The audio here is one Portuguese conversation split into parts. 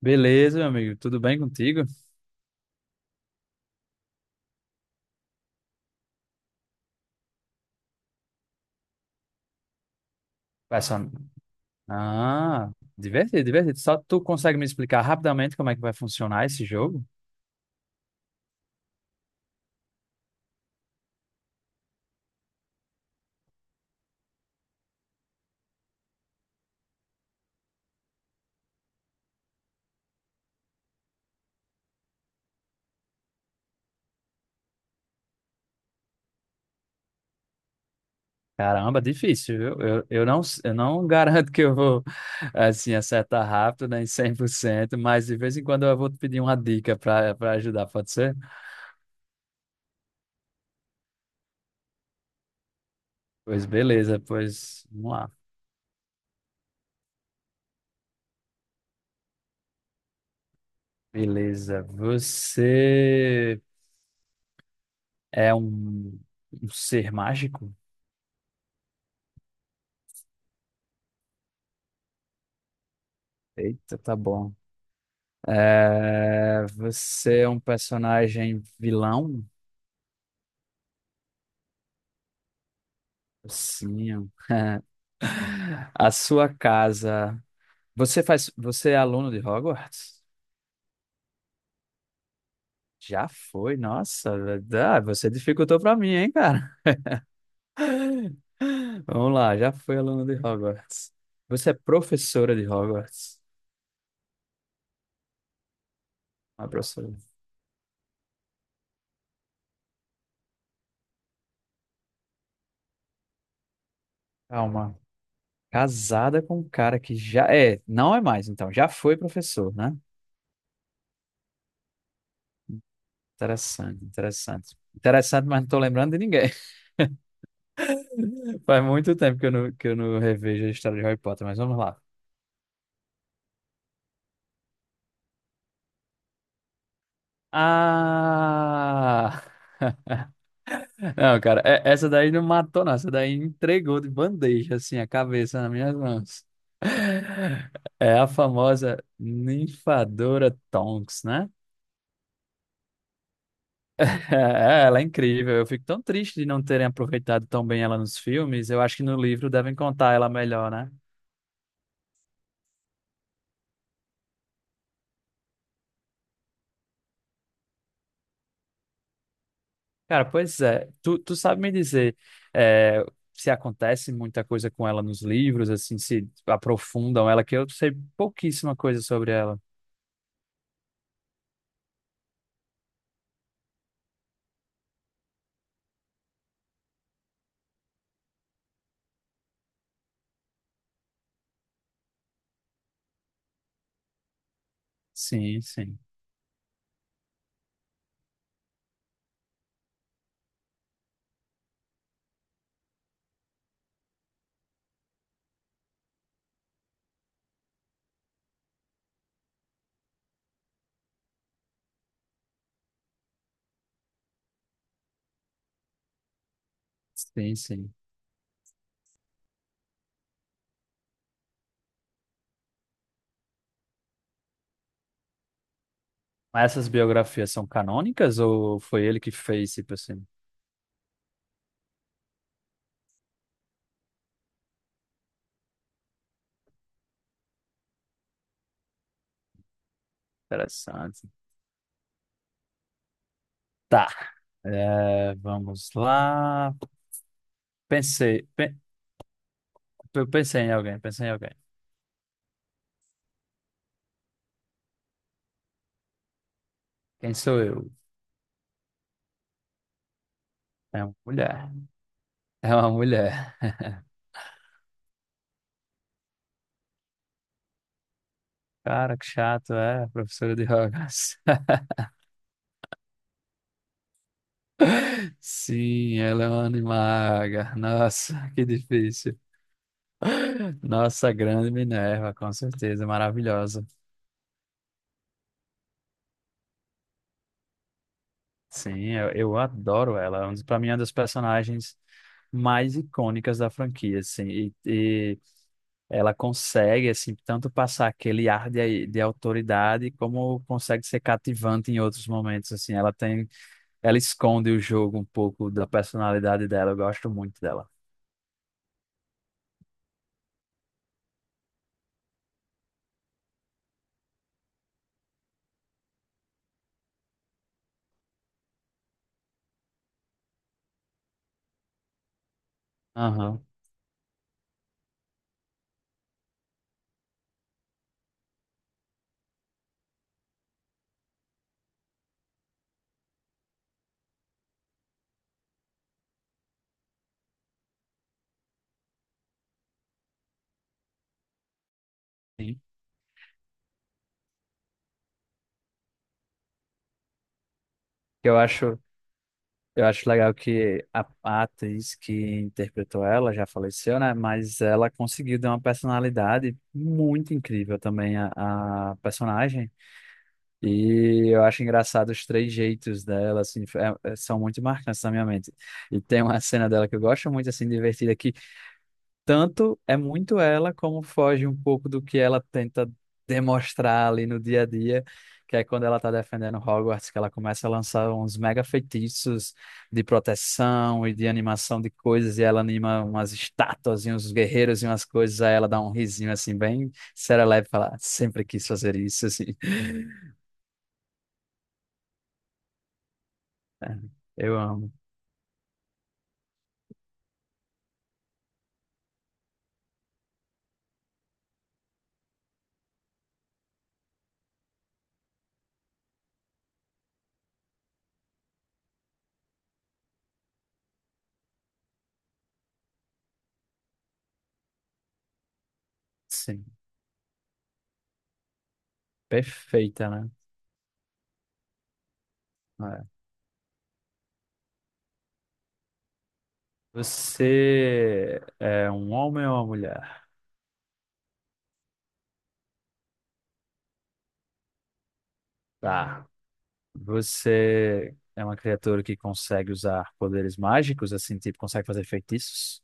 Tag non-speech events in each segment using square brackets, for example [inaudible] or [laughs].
Beleza, meu amigo. Tudo bem contigo? Vai só... Ah, divertido, divertido. Só tu consegue me explicar rapidamente como é que vai funcionar esse jogo? Caramba, difícil, viu? Eu não [laughs] garanto que eu vou, assim, acertar rápido, nem 100%. Mas de vez em quando eu vou te pedir uma dica para ajudar, pode ser? Pois beleza, pois vamos lá. Beleza. Você é um ser mágico? Eita, tá bom. É, você é um personagem vilão? Sim. [laughs] A sua casa. Você é aluno de Hogwarts? Já foi, nossa, verdade. Você dificultou pra mim, hein, cara? [laughs] Vamos lá, já foi aluno de Hogwarts. Você é professora de Hogwarts? Ah, professora. Calma. Casada com um cara que já é, não é mais, então, já foi professor, né? Interessante, interessante. Interessante, mas não tô lembrando de ninguém. [laughs] Faz muito tempo que eu não revejo a história de Harry Potter, mas vamos lá. Ah! [laughs] Não, cara, essa daí não matou, não. Essa daí entregou de bandeja, assim, a cabeça nas minhas mãos. [laughs] É a famosa ninfadora Tonks, né? [laughs] É, ela é incrível. Eu fico tão triste de não terem aproveitado tão bem ela nos filmes. Eu acho que no livro devem contar ela melhor, né? Cara, pois é. Tu sabe me dizer é, se acontece muita coisa com ela nos livros, assim, se aprofundam ela, que eu sei pouquíssima coisa sobre ela. Sim, sim. Sim, sim. Mas essas biografias são canônicas ou foi ele que fez, tipo assim? Interessante. Tá. É, vamos lá. Pensei. pe- eu pensei em alguém, pensei em alguém. Quem sou eu? É uma mulher. [laughs] É uma mulher. [laughs] Cara, que chato, é, professora de [laughs] Hogwarts. Sim, ela é uma animaga. Nossa, [laughs] que difícil. Nossa, grande Minerva, com certeza, maravilhosa. Sim, eu adoro ela. Para mim, é uma das personagens mais icônicas da franquia, assim. E ela consegue, assim, tanto passar aquele ar de autoridade, como consegue ser cativante em outros momentos, assim. Ela tem. Ela esconde o jogo um pouco da personalidade dela. Eu gosto muito dela. Aham. Sim. Eu acho, eu acho legal que a atriz que interpretou ela já faleceu, né? Mas ela conseguiu dar uma personalidade muito incrível também à à personagem. E eu acho engraçado os três jeitos dela, assim, são muito marcantes na minha mente. E tem uma cena dela que eu gosto muito, assim, divertida, que tanto é muito ela, como foge um pouco do que ela tenta demonstrar ali no dia a dia, que é quando ela tá defendendo Hogwarts, que ela começa a lançar uns mega feitiços de proteção e de animação de coisas, e ela anima umas estátuas e uns guerreiros e umas coisas, aí ela dá um risinho, assim, bem serelepe, e fala, "Ah, sempre quis fazer isso, assim." É, eu amo. Sim. Perfeita, né? É. Você é um homem ou uma mulher? Tá. Você é uma criatura que consegue usar poderes mágicos, assim, tipo, consegue fazer feitiços?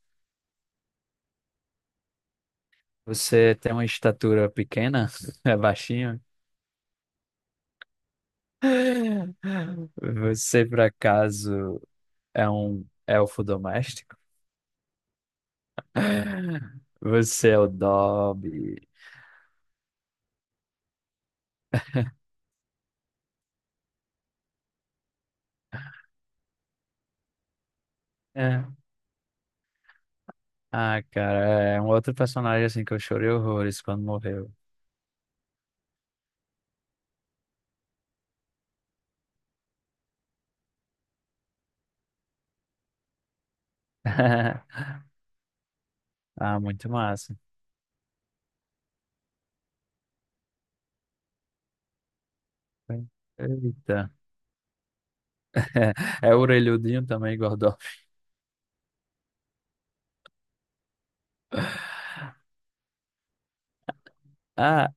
Você tem uma estatura pequena? [laughs] É baixinho? Você, por acaso, é um elfo doméstico? [laughs] Você é o Dobby? É. Ah, cara, é um outro personagem assim que eu chorei horrores quando morreu. [laughs] Ah, muito massa. Eita. [laughs] É orelhudinho também, gordão. [laughs] Ah,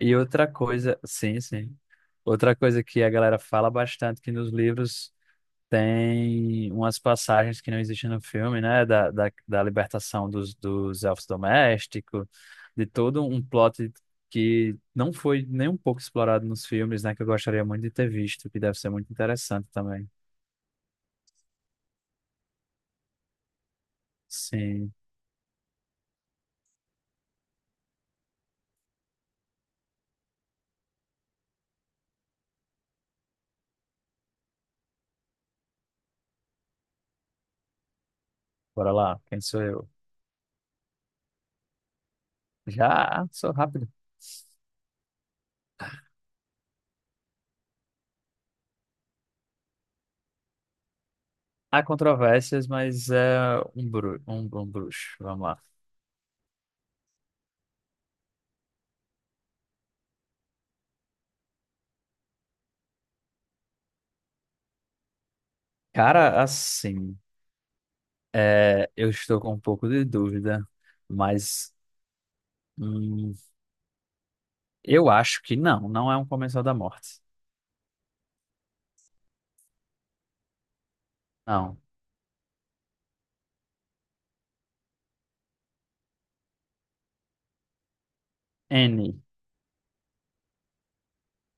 e outra coisa, sim, sim. Outra coisa que a galera fala bastante que nos livros tem umas passagens que não existem no filme, né? Da libertação dos, dos elfos domésticos, de todo um plot que não foi nem um pouco explorado nos filmes, né? Que eu gostaria muito de ter visto, que deve ser muito interessante também. Sim, bora lá, quem sou eu? Já sou rápido. Há controvérsias, mas é um bruxo. Vamos lá. Cara, assim, eu estou com um pouco de dúvida, mas. hum, Eu acho que não, não é um comensal da morte. Não. N.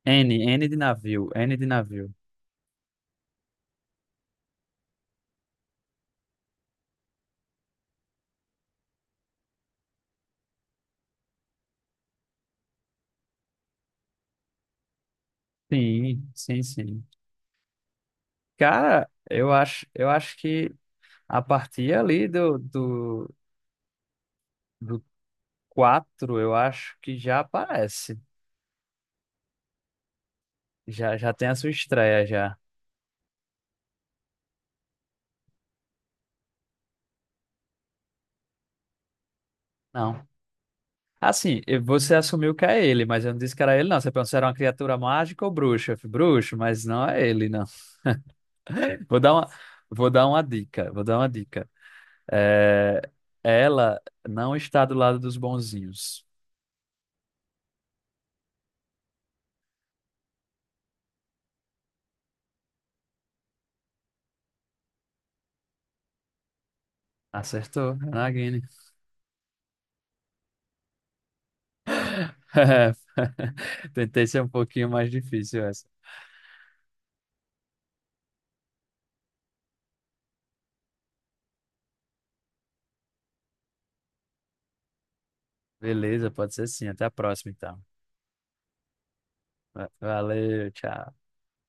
N N de navio, N de navio. Sim, sim, sim. Cara, eu acho que a partir ali do 4, eu acho que já aparece. Já, já tem a sua estreia, já. Não. Assim, e você assumiu que é ele, mas eu não disse que era ele, não. Você pensou que era uma criatura mágica ou bruxa? Eu falei, bruxo, mas não é ele, não. [laughs] Vou dar uma, vou dar uma dica, vou dar uma dica. É, ela não está do lado dos bonzinhos. Acertou, Nagini. [laughs] Tentei ser um pouquinho mais difícil essa. Beleza, pode ser sim. Até a próxima, então. Valeu, tchau.